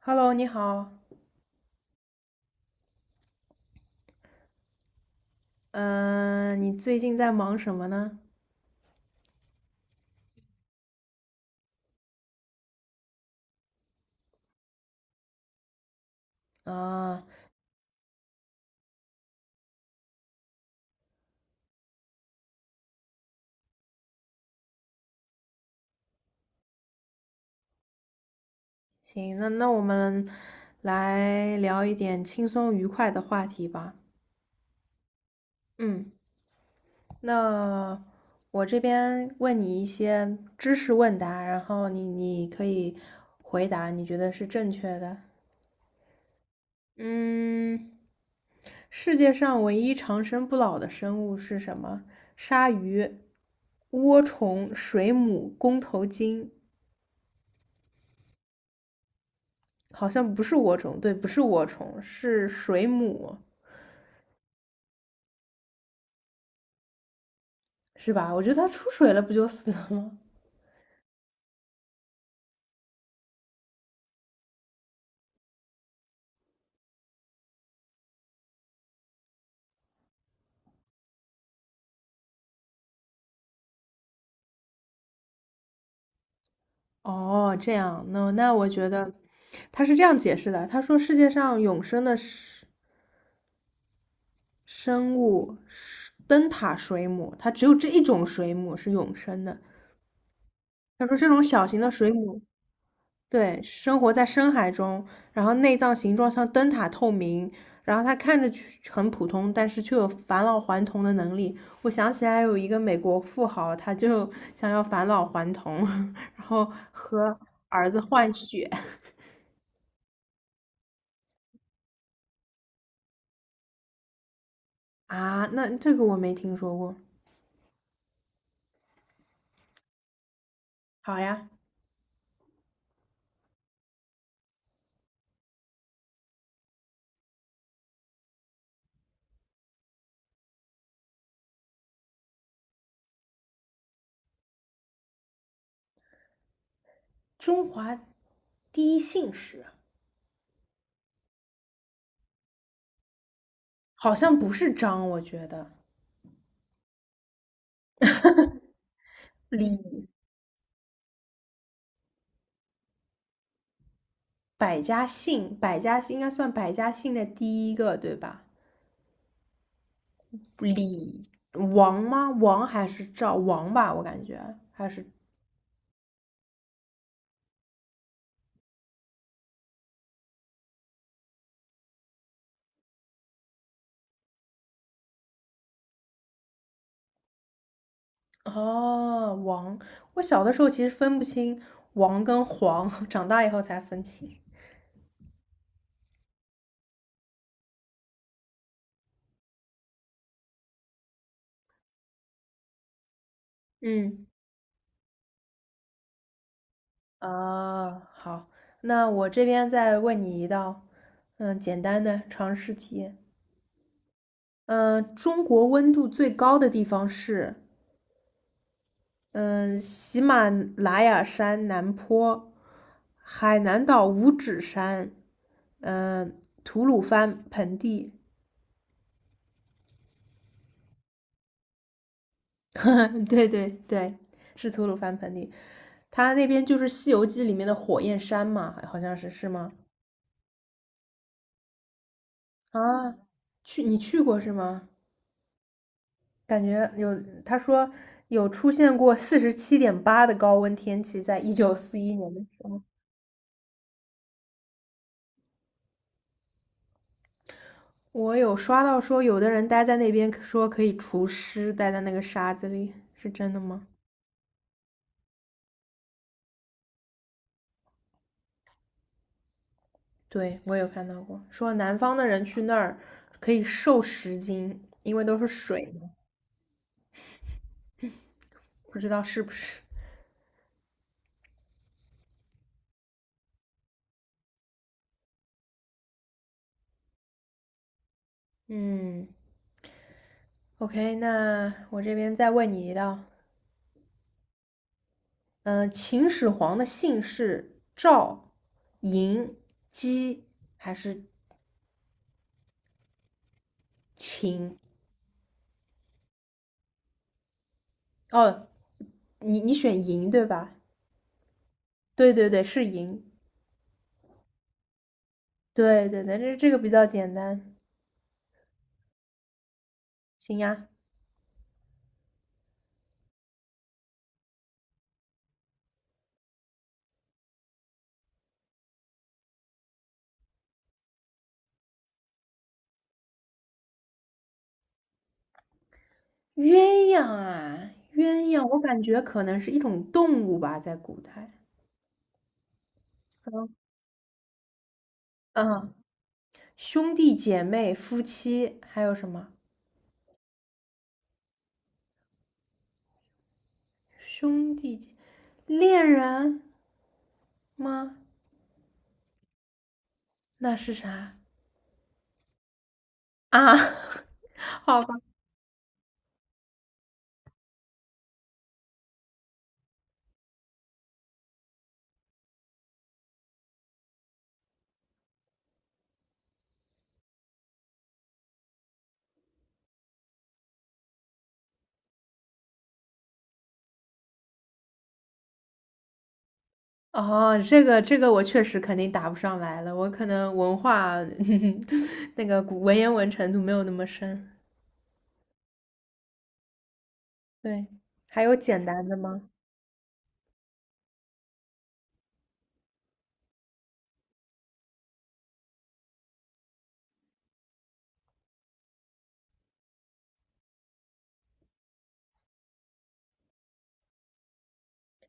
Hello，你好，嗯、你最近在忙什么呢？啊，行，那我们来聊一点轻松愉快的话题吧。嗯，那我这边问你一些知识问答，然后你可以回答你觉得是正确的。嗯，世界上唯一长生不老的生物是什么？鲨鱼、涡虫、水母、弓头鲸。好像不是涡虫，对，不是涡虫，是水母，是吧？我觉得它出水了不就死了吗？哦，这样，那我觉得他是这样解释的，他说世界上永生的生物是灯塔水母，它只有这一种水母是永生的。他说这种小型的水母对，生活在深海中，然后内脏形状像灯塔透明，然后它看着去很普通，但是却有返老还童的能力。我想起来有一个美国富豪，他就想要返老还童，然后和儿子换血。啊，那这个我没听说过。好呀，中华第一姓氏，好像不是张，我觉得李百家姓，百家姓应该算百家姓的第一个，对吧？李王吗？王还是赵王吧？我感觉还是哦王。我小的时候其实分不清王跟黄，长大以后才分清。嗯。啊，好，那我这边再问你一道，嗯，简单的常识题。嗯，中国温度最高的地方是？嗯，喜马拉雅山南坡、海南岛五指山，嗯，吐鲁番盆地。对对对，是吐鲁番盆地，它那边就是《西游记》里面的火焰山嘛，好像是是吗？啊，去你去过是吗？感觉有，他说有出现过47.8的高温天气，在1941年的时候。我有刷到说，有的人待在那边说可以除湿，待在那个沙子里，是真的吗？对，我有看到过，说南方的人去那儿可以瘦10斤，因为都是水不知道是不是。嗯，OK,那我这边再问你一道。秦始皇的姓是赵、嬴、姬还是秦？哦，你选嬴对吧？对对对，是嬴。对对对，这个比较简单。行呀，鸳鸯啊，鸳鸯，我感觉可能是一种动物吧，在古代。嗯，嗯，兄弟姐妹、夫妻，还有什么？兄弟姐，恋人吗？那是啥啊？好吧，哦，这个我确实肯定答不上来了，我可能文化 那个古文言文程度没有那么深。对，还有简单的吗？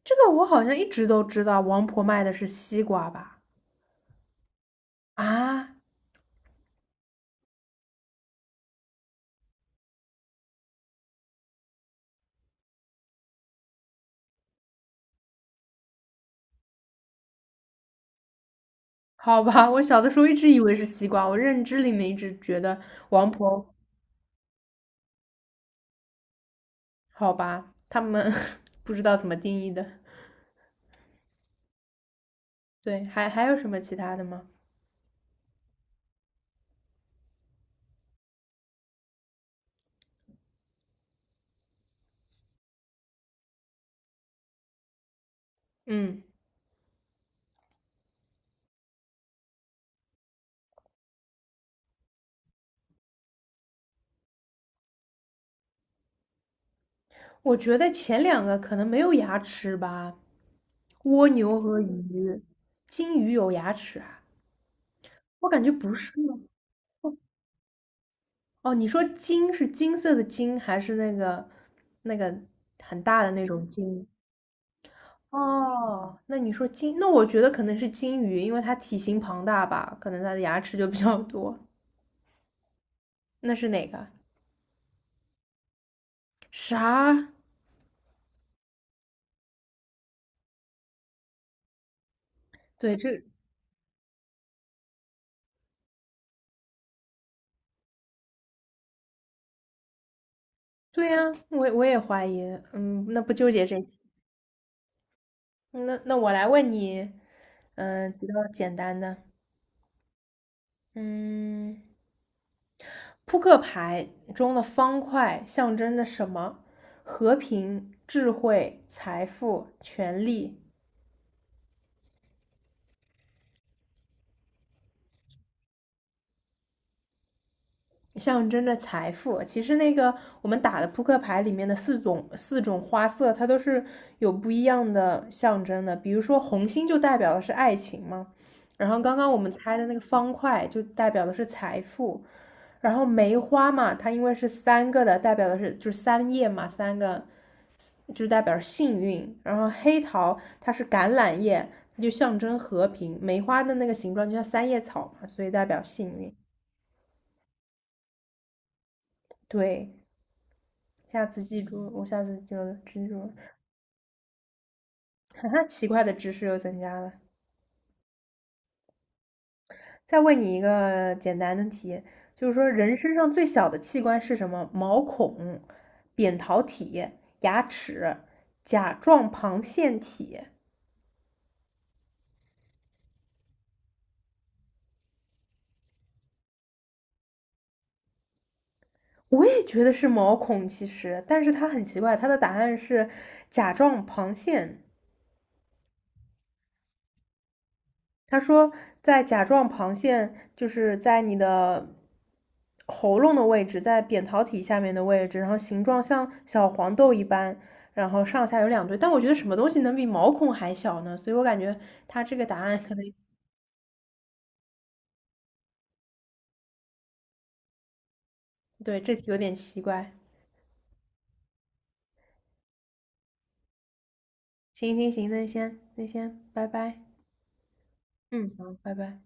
这个我好像一直都知道，王婆卖的是西瓜吧？啊，好吧，我小的时候一直以为是西瓜，我认知里面一直觉得王婆。好吧，他们 不知道怎么定义的。对，还有什么其他的吗？嗯，我觉得前两个可能没有牙齿吧，蜗牛和鱼，金鱼有牙齿啊？我感觉不是哦。你说金是金色的金，还是那个很大的那种金？哦，那你说金，那我觉得可能是金鱼，因为它体型庞大吧，可能它的牙齿就比较多。那是哪个？啥？对，这对呀，我也怀疑。嗯，那不纠结这题。那我来问你，嗯、比较简单的，嗯，扑克牌中的方块象征着什么？和平、智慧、财富、权力。象征着财富。其实那个我们打的扑克牌里面的四种花色，它都是有不一样的象征的。比如说红心就代表的是爱情嘛，然后刚刚我们猜的那个方块就代表的是财富，然后梅花嘛，它因为是三个的，代表的是就是三叶嘛，三个就代表幸运。然后黑桃它是橄榄叶，它就象征和平。梅花的那个形状就像三叶草嘛，所以代表幸运。对。下次记住，我下次就记住了。哈哈，奇怪的知识又增加了。再问你一个简单的题，就是说人身上最小的器官是什么？毛孔、扁桃体、牙齿、甲状旁腺体。我也觉得是毛孔，其实，但是它很奇怪，它的答案是甲状旁腺。他说，在甲状旁腺，就是在你的喉咙的位置，在扁桃体下面的位置，然后形状像小黄豆一般，然后上下有两对。但我觉得什么东西能比毛孔还小呢？所以我感觉他这个答案可能对这题有点奇怪。行行行，那先那先拜拜。嗯，好，拜拜。